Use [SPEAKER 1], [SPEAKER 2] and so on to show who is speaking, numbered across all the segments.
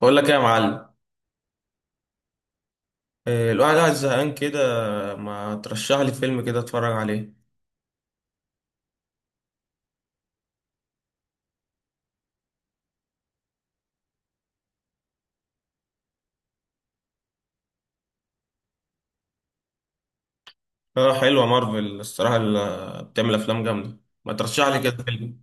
[SPEAKER 1] بقول لك ايه يا معلم. إيه، الواحد قاعد زهقان كده. ما ترشح لي فيلم كده اتفرج عليه. اه، حلوه مارفل الصراحه اللي بتعمل افلام جامده. ما ترشح لي كده فيلم.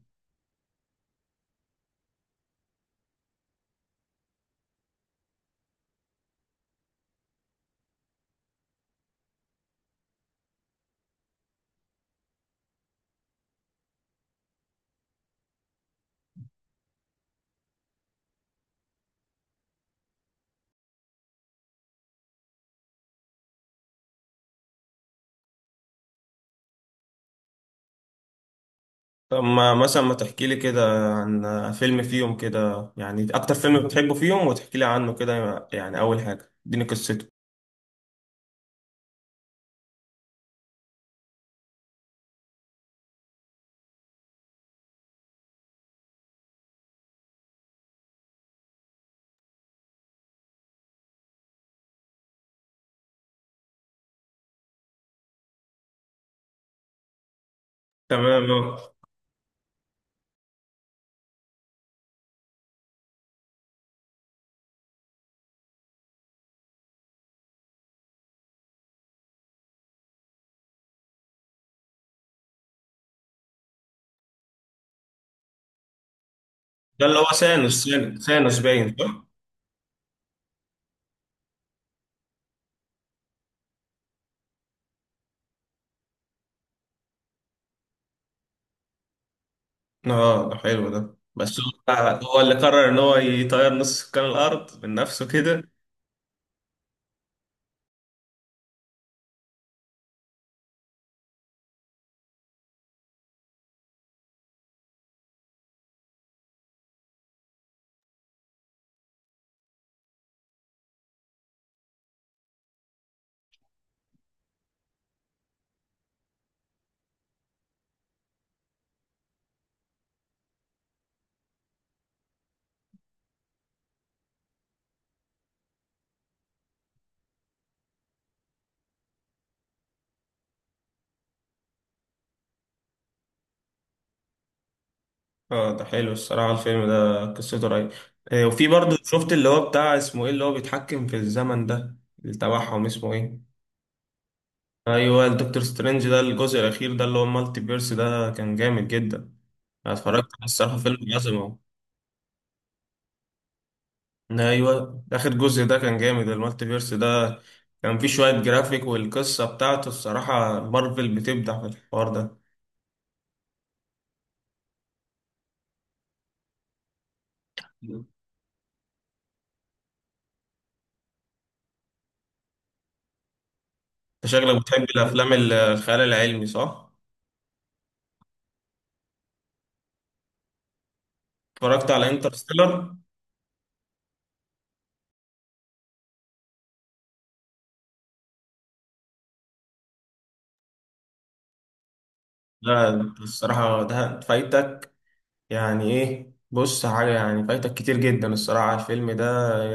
[SPEAKER 1] طب ما مثلا ما تحكي لي كده عن فيلم فيهم، كده يعني اكتر فيلم بتحبه فيهم، وتحكي لي عنه كده، يعني اول حاجه اديني قصته. تمام اه. ده اللي هو سانوس، سانوس باين، صح؟ اه ده حلو ده، بس هو هو اللي قرر ان هو يطير نص سكان الارض من نفسه كده. اه ده حلو الصراحة، الفيلم ده قصته رهيبة. آه، وفي برضه شفت اللي هو بتاع اسمه ايه اللي هو بيتحكم في الزمن ده اللي تبعهم، اسمه ايه؟ ايوه، الدكتور سترينج ده، الجزء الاخير ده اللي هو المالتي بيرس ده كان جامد جدا. انا اتفرجت على الصراحة فيلم عظمة. ايوه اخر جزء ده كان جامد، المالتي بيرس ده كان فيه شوية جرافيك، والقصة بتاعته الصراحة مارفل بتبدع في الحوار ده. انت شكلك بتحب الافلام الخيال العلمي، صح؟ اتفرجت على انترستيلر؟ لا انت الصراحة ده فايتك، يعني ايه بص حاجة، يعني فايتك كتير جدا الصراحة الفيلم ده.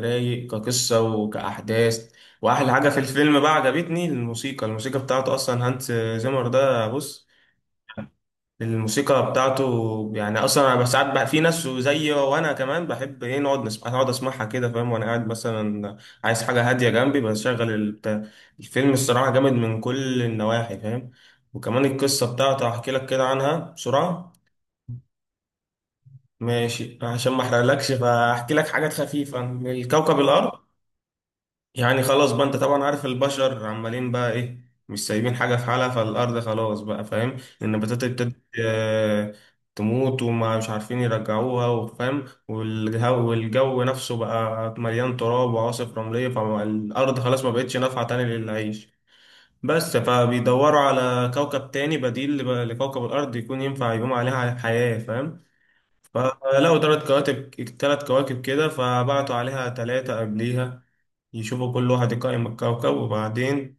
[SPEAKER 1] رايق كقصة وكأحداث، وأحلى حاجة في الفيلم بقى عجبتني الموسيقى، الموسيقى بتاعته أصلا هانس زيمر ده بص. الموسيقى بتاعته يعني أصلا أنا ساعات بقى في ناس زيي وأنا كمان بحب إيه نقعد نسمع، نقعد أسمعها كده فاهم، وأنا قاعد مثلا عايز حاجة هادية جنبي بشغل البتاع. الفيلم الصراحة جامد من كل النواحي فاهم، وكمان القصة بتاعته هحكي لك كده عنها بسرعة. ماشي عشان ما احرقلكش فاحكي لك حاجات خفيفة عن الكوكب الأرض. يعني خلاص بقى أنت طبعا عارف البشر عمالين بقى إيه، مش سايبين حاجة في حالها، فالأرض خلاص بقى فاهم. النباتات ابتدت تموت، وما مش عارفين يرجعوها وفاهم، والجو نفسه بقى مليان تراب وعواصف رملية، فالأرض خلاص ما بقتش نافعة تاني للعيش. بس فبيدوروا على كوكب تاني بديل لكوكب الأرض يكون ينفع يقوم عليها حياة فاهم. فلقوا تلات كواكب، تلات كواكب كده، فبعتوا عليها تلاتة قبليها يشوفوا كل واحد يقيم الكوكب. وبعدين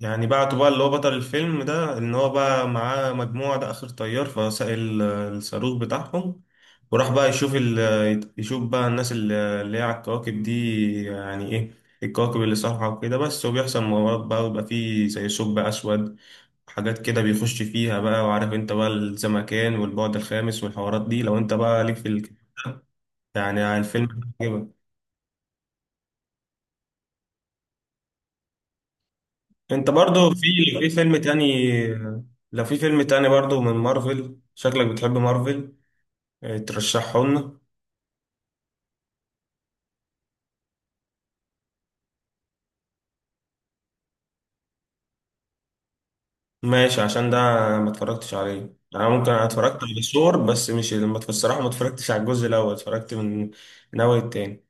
[SPEAKER 1] يعني بعتوا بقى اللي هو بطل الفيلم ده، إن هو بقى معاه مجموعة ده آخر طيار، فساق الصاروخ بتاعهم، وراح بقى يشوف بقى الناس اللي هي على الكواكب دي، يعني إيه الكواكب اللي صالحة وكده. بس وبيحصل مغامرات بقى، ويبقى فيه زي ثقب أسود، حاجات كده بيخش فيها بقى، وعارف انت بقى الزمكان والبعد الخامس والحوارات دي لو انت بقى ليك في. يعني عن الفيلم، عجبك؟ انت برضو في، لو في فيلم تاني، لو في فيلم تاني برضو من مارفل، شكلك بتحب مارفل اه، ترشحه لنا. ماشي عشان ده ما اتفرجتش عليه انا، ممكن انا اتفرجت على ثور بس مش ما الصراحه ما اتفرجتش على الجزء الاول، اتفرجت من من اول التاني.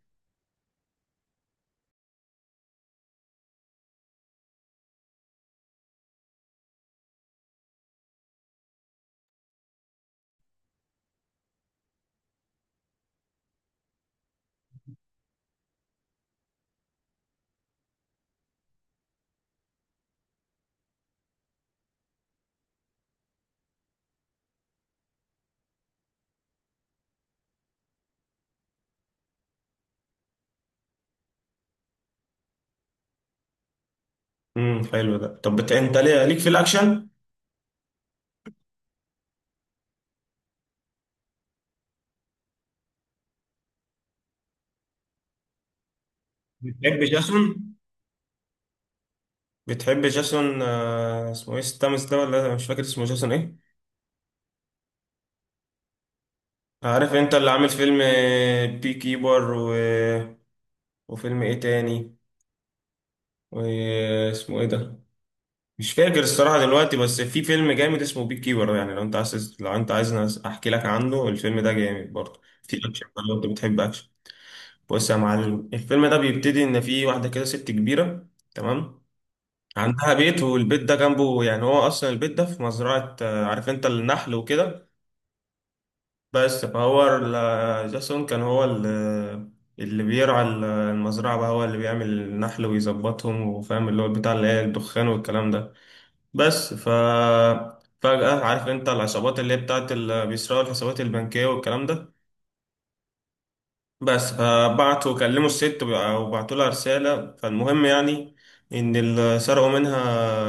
[SPEAKER 1] حلو ده. طب انت ليه ليك في الاكشن؟ بتحب جاسون؟ بتحب جاسون آه، اسمه ايه ستامس ده ولا مش فاكر اسمه جاسون ايه. عارف انت اللي عامل فيلم آه، بي كيبر و وفيلم ايه تاني، واسمه ايه ده، مش فاكر الصراحة دلوقتي، بس في فيلم جامد اسمه بيك كيبر، يعني لو انت عايز لو انت عايز احكي لك عنه، الفيلم ده جامد برضه في اكشن بقى لو انت بتحب اكشن. بص يا معلم الفيلم ده بيبتدي ان في واحدة كده ست كبيرة، تمام، عندها بيت، والبيت ده جنبه، يعني هو اصلا البيت ده في مزرعة آه، عارف انت النحل وكده. بس فهو جاسون كان هو اللي بيرعى المزرعة بقى، هو اللي بيعمل النحل ويظبطهم وفاهم اللي هو بتاع اللي هي الدخان والكلام ده. بس ف فجأة عارف انت العصابات اللي هي بتاعت اللي بيسرقوا الحسابات البنكية والكلام ده. بس فبعتوا كلموا الست وبعتوا لها رسالة، فالمهم يعني ان سرقوا منها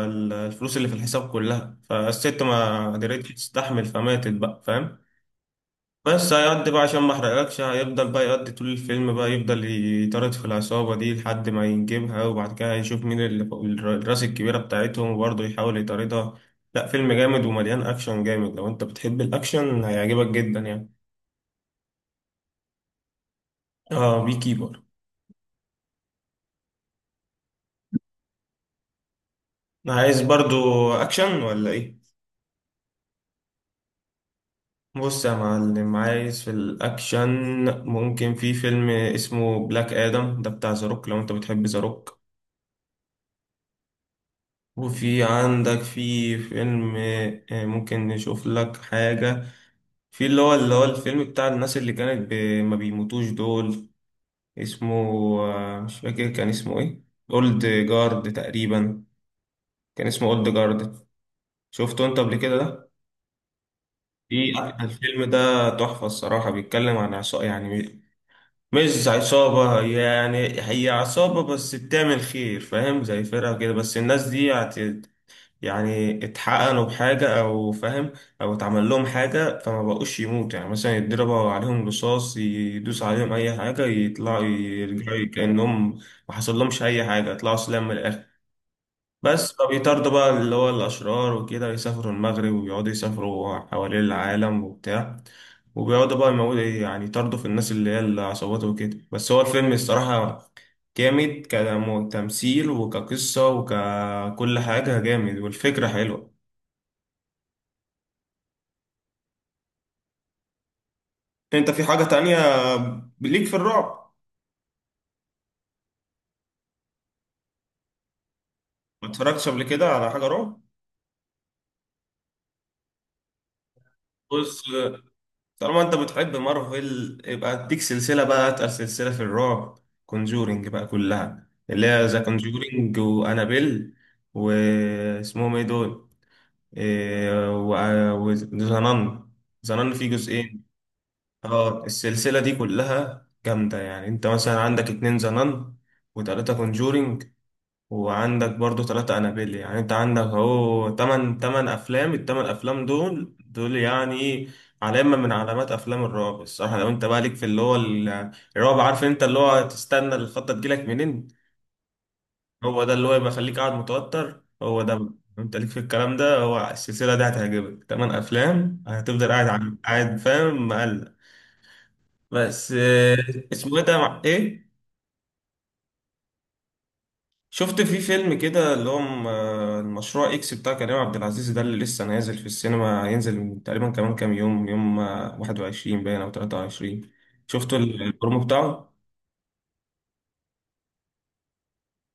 [SPEAKER 1] الفلوس اللي في الحساب كلها، فالست ما قدرتش تستحمل فماتت بقى فاهم. بس هيقضي بقى، عشان ما احرقلكش، هيفضل بقى يقضي طول الفيلم بقى، يفضل يطارد في العصابة دي لحد ما ينجبها، وبعد كده هيشوف مين اللي الراس الكبيرة بتاعتهم، وبرضه يحاول يطاردها. لا فيلم جامد ومليان أكشن جامد، لو أنت بتحب الأكشن هيعجبك جدا يعني. اه بي كيبر. عايز برضه أكشن ولا إيه؟ بص يا معلم عايز في الأكشن، ممكن في فيلم اسمه بلاك آدم ده بتاع زاروك، لو أنت بتحب زاروك. وفي عندك في فيلم ممكن نشوف لك حاجة، في اللي هو الفيلم بتاع الناس اللي كانت ما بيموتوش دول، اسمه آه، مش فاكر كان اسمه ايه، اولد جارد تقريبا، كان اسمه اولد جارد. شفته انت قبل كده ده؟ في الفيلم ده تحفة الصراحة، بيتكلم عن عصابة يعني مش عصابة، يعني هي عصابة بس بتعمل خير فاهم، زي فرقة كده، بس الناس دي يعني اتحقق لهم حاجة أو فاهم، أو اتعمل لهم حاجة فما بقوش يموت، يعني مثلا يتضربوا عليهم رصاص، يدوس عليهم أي حاجة، يطلعوا يرجعوا كأنهم ما حصل لهمش أي حاجة، يطلعوا سلام من الآخر. بس فبيطاردوا بقى اللي هو الأشرار وكده، يسافروا المغرب ويقعدوا يسافروا حوالين العالم وبتاع، وبيقعدوا بقى يموتوا يعني، يطاردوا في الناس اللي هي العصابات وكده، بس هو الفيلم الصراحة جامد كتمثيل وكقصة وككل حاجة جامد، والفكرة حلوة. انت في حاجة تانية ليك في الرعب؟ ما اتفرجتش قبل كده على حاجة رعب؟ بص، طالما انت بتحب مارفل يبقى اديك سلسلة بقى اتقل سلسلة في الرعب، كونجورينج بقى كلها، اللي هي ذا كونجورينج وانابيل واسمهم ايه دول، إيه، وذا نان، ذا نان فيه جزئين. اه السلسلة دي كلها جامدة، يعني انت مثلا عندك اتنين ذا نان، وتلاتة كونجورينج، وعندك برضو ثلاثة أنابيل، يعني أنت عندك أهو تمن تمن أفلام التمن أفلام، دول يعني علامة من علامات أفلام الرعب الصراحة. لو أنت بقى ليك في اللي هو الرعب، عارف أنت اللي هو تستنى الخطة تجيلك منين، هو ده اللي هو يبقى يخليك قاعد متوتر، هو ده بقى. لو أنت ليك في الكلام ده هو السلسلة دي هتعجبك، تمن أفلام هتفضل قاعد قاعد فاهم مقلق بس آه. اسمه إيه ده مع إيه؟ شفت في فيلم كده اللي هو المشروع اكس بتاع كريم عبد العزيز ده اللي لسه نازل في السينما، هينزل تقريبا كمان كام يوم آه، 21 باين او 23؟ شفتوا البرومو بتاعه؟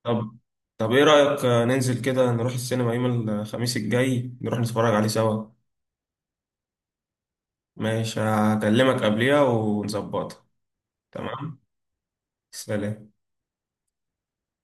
[SPEAKER 1] طب طب ايه رأيك آه، ننزل كده نروح السينما يوم الخميس الجاي، نروح نتفرج عليه سوا. ماشي هكلمك قبليها ونظبطها. تمام. سلام.